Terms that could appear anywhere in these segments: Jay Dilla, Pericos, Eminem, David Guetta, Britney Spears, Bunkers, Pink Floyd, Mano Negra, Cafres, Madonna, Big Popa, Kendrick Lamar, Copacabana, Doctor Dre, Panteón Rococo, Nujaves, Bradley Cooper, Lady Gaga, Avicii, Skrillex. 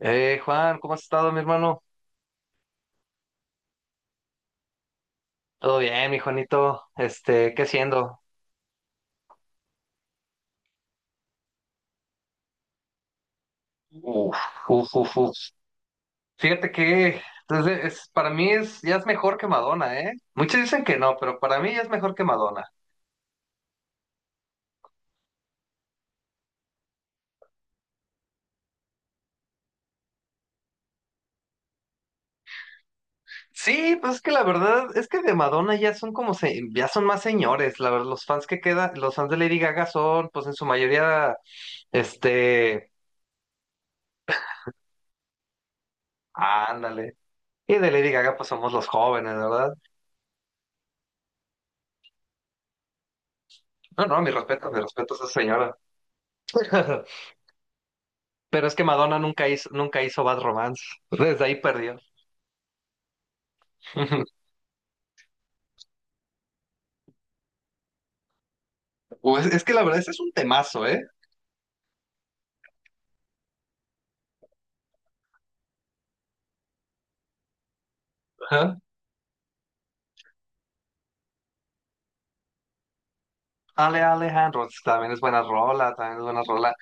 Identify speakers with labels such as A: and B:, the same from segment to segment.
A: Juan, ¿cómo has estado, mi hermano? Todo bien, mi Juanito. ¿Qué haciendo? Uf, uf, uf, uf. Fíjate que entonces, para mí ya es mejor que Madonna, ¿eh? Muchos dicen que no, pero para mí ya es mejor que Madonna. Sí, pues es que la verdad es que de Madonna ya son como, ya son más señores. La verdad, los fans que quedan, los fans de Lady Gaga son, pues en su mayoría, este, ándale. Y de Lady Gaga, pues somos los jóvenes, ¿verdad? No, no, mi respeto a esa señora. Pero es que Madonna nunca hizo Bad Romance. Desde ahí perdió. Es que la verdad, ese es un temazo, ¿eh? Ajá. Alejandro pues, también es buena rola, también es buena rola.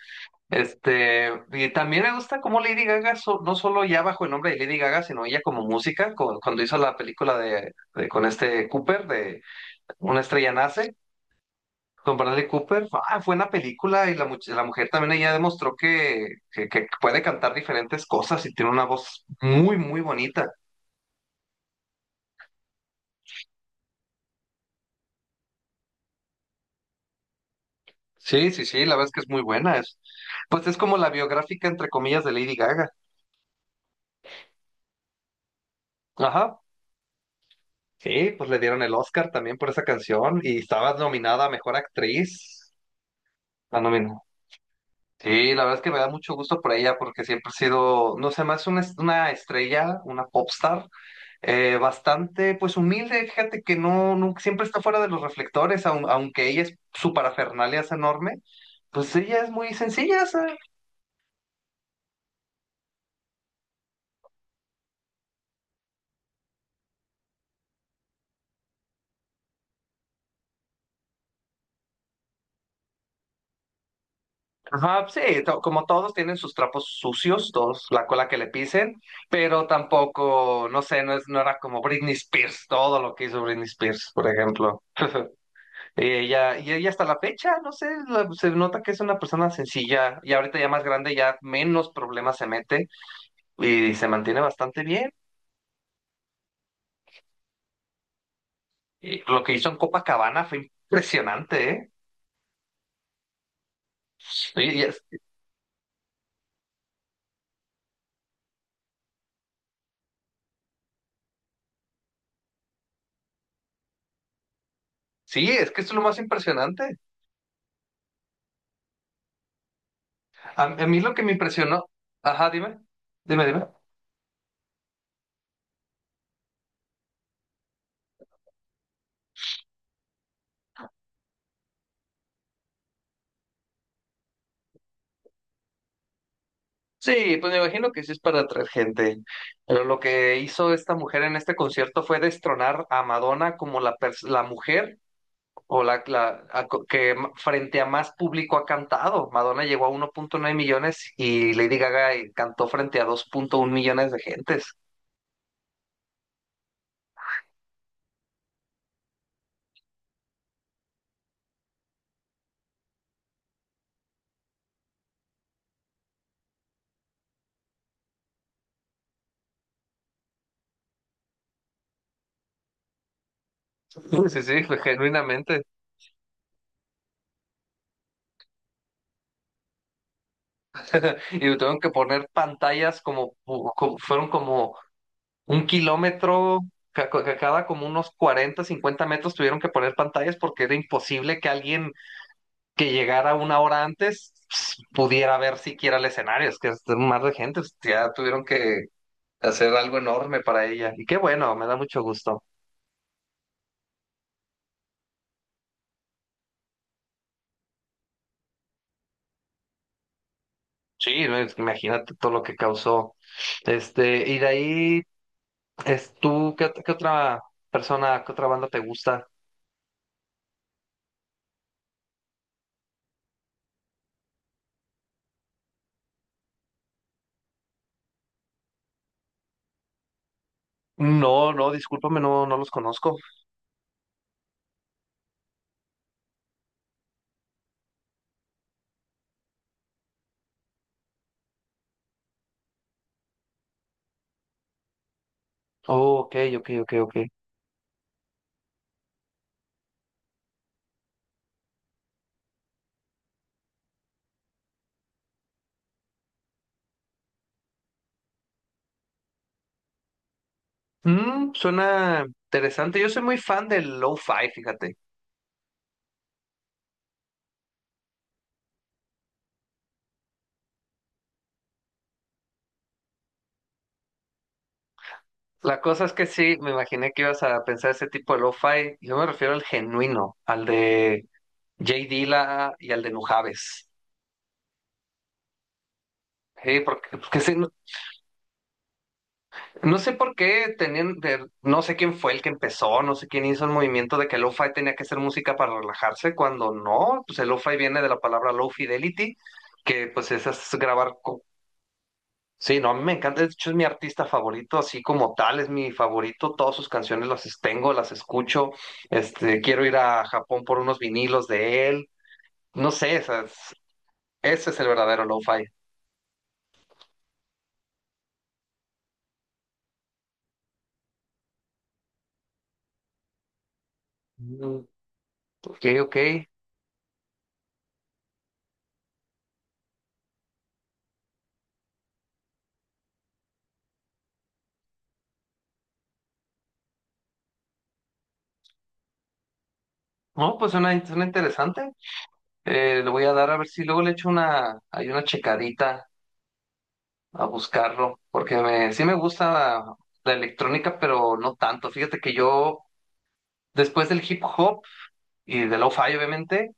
A: Y también me gusta cómo Lady Gaga, no solo ya bajo el nombre de Lady Gaga, sino ella como música, cuando hizo la película de con este Cooper, de Una estrella nace, con Bradley Cooper, ah, fue una película y la mujer también ella demostró que puede cantar diferentes cosas y tiene una voz muy, muy bonita. Sí, sí, sí, la verdad es que es muy buena. Pues es como la biográfica, entre comillas, de Lady Gaga. Ajá. Sí, pues le dieron el Oscar también por esa canción y estaba nominada a Mejor Actriz. La nominó. Sí, la verdad es que me da mucho gusto por ella porque siempre ha sido, no sé, más una estrella, una popstar, bastante pues humilde, fíjate que no, nunca, siempre está fuera de los reflectores, aunque su parafernalia es enorme, pues ella es muy sencilla. Ajá, sí, como todos tienen sus trapos sucios, todos la cola que le pisen, pero tampoco, no sé, no era como Britney Spears, todo lo que hizo Britney Spears, por ejemplo. Y ella hasta la fecha, no sé, se nota que es una persona sencilla y ahorita ya más grande, ya menos problemas se mete y se mantiene bastante bien. Y lo que hizo en Copacabana fue impresionante, ¿eh? Y- y es- sí, es que es lo más impresionante. A mí lo que me impresionó, ajá, dime, dime, dime. Sí, pues me imagino que sí es para atraer gente. Pero lo que hizo esta mujer en este concierto fue destronar a Madonna como la mujer o la que frente a más público ha cantado. Madonna llegó a uno punto nueve millones y Lady Gaga cantó frente a dos punto uno millones de gentes. Sí, sí, fue genuinamente. Y tuvieron que poner pantallas fueron como un kilómetro cada como unos 40 50 metros tuvieron que poner pantallas porque era imposible que alguien que llegara una hora antes pudiera ver siquiera el escenario. Es que es un mar de gente, pues, ya tuvieron que hacer algo enorme para ella. Y qué bueno, me da mucho gusto. Sí, no, es que imagínate todo lo que causó. Y de ahí, qué otra persona, qué otra banda te gusta? No, no, discúlpame, no, no los conozco. Oh, ok, ok, ok, ok. Suena interesante. Yo soy muy fan del lo-fi, fíjate. La cosa es que sí, me imaginé que ibas a pensar ese tipo de lo-fi. Yo me refiero al genuino, al de Jay Dilla y al de Nujaves. Sí, porque sí, no, no sé por qué no sé quién fue el que empezó, no sé quién hizo el movimiento de que lo-fi tenía que ser música para relajarse, cuando no, pues el lo-fi viene de la palabra low fidelity, que pues es grabar. Sí, no, a mí me encanta, de hecho es mi artista favorito, así como tal, es mi favorito, todas sus canciones tengo, las escucho, quiero ir a Japón por unos vinilos de él, no sé, ese es el verdadero lo-fi. Mm, ok, ok, no, pues suena interesante. Le voy a dar a ver si luego le echo hay una checadita a buscarlo, porque sí me gusta la electrónica, pero no tanto, fíjate que yo, después del hip hop, y de lo-fi, obviamente.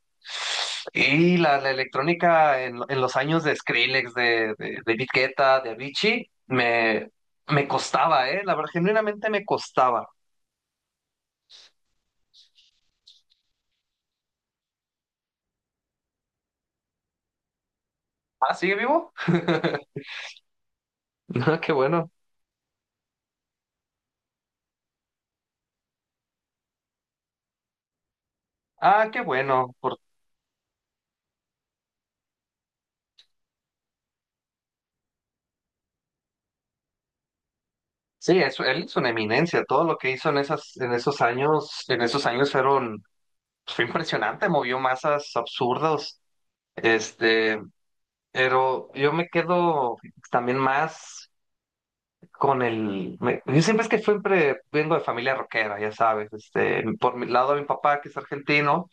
A: La electrónica en los años de Skrillex, de David Guetta, de Avicii, me costaba, ¿eh? La verdad, genuinamente me costaba. Ah, ¿sigue vivo? Ah, qué bueno. Ah, qué bueno. Sí, él es una eminencia. Todo lo que hizo en esos años fue impresionante, movió masas absurdas. Este, pero yo me quedo también más. Yo siempre es que siempre vengo de familia rockera, ya sabes. Por mi lado de mi papá, que es argentino,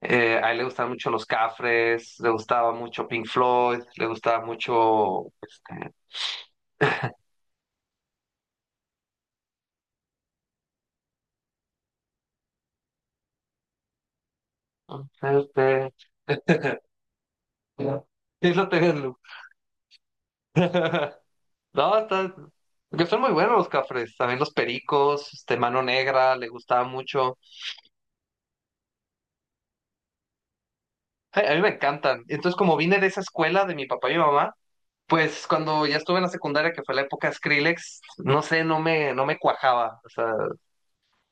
A: a él le gustaban mucho los Cafres, le gustaba mucho Pink Floyd, le gustaba mucho... este, sí, lo Tegelú. No, está. Porque son muy buenos los Cafres, también los Pericos, Mano Negra, le gustaba mucho. Ay, a mí me encantan. Entonces, como vine de esa escuela de mi papá y mi mamá. Pues cuando ya estuve en la secundaria, que fue la época de Skrillex, no sé, no me cuajaba. O sea,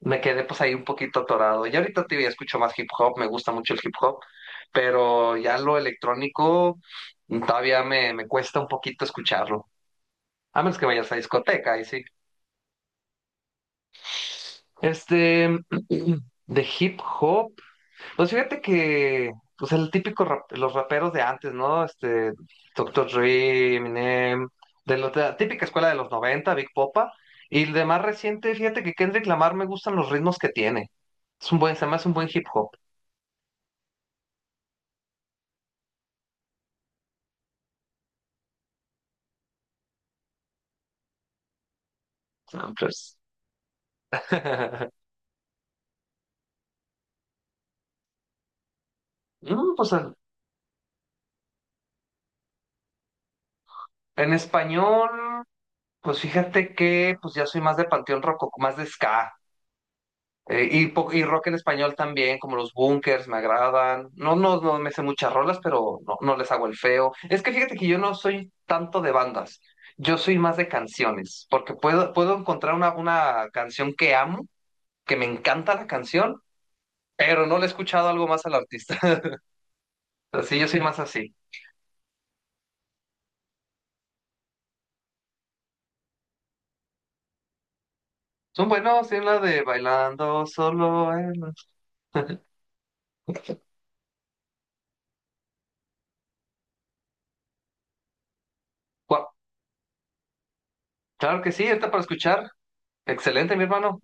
A: me quedé pues ahí un poquito atorado. Y ahorita te digo, escucho más hip hop, me gusta mucho el hip hop, pero ya lo electrónico todavía me cuesta un poquito escucharlo. A menos que vayas a discoteca, ahí sí. Este, de hip hop. Pues fíjate que, pues el típico los raperos de antes, ¿no? Doctor Dre, Eminem, de la típica escuela de los 90, Big Popa. Y el de más reciente, fíjate que Kendrick Lamar me gustan los ritmos que tiene. Se me hace un buen hip hop. Ah, pues. Pues en español, pues fíjate que pues ya soy más de Panteón Rococo, más de ska. Y rock en español también, como los Bunkers, me agradan. No, no, no me sé muchas rolas, pero no, no les hago el feo. Es que fíjate que yo no soy tanto de bandas, yo soy más de canciones, porque puedo encontrar una canción que amo, que me encanta la canción, pero no le he escuchado algo más al artista. Así yo soy más así. Son buenos, tienen la de Bailando Solo. En Gua- Claro que sí, está para escuchar. Excelente, mi hermano.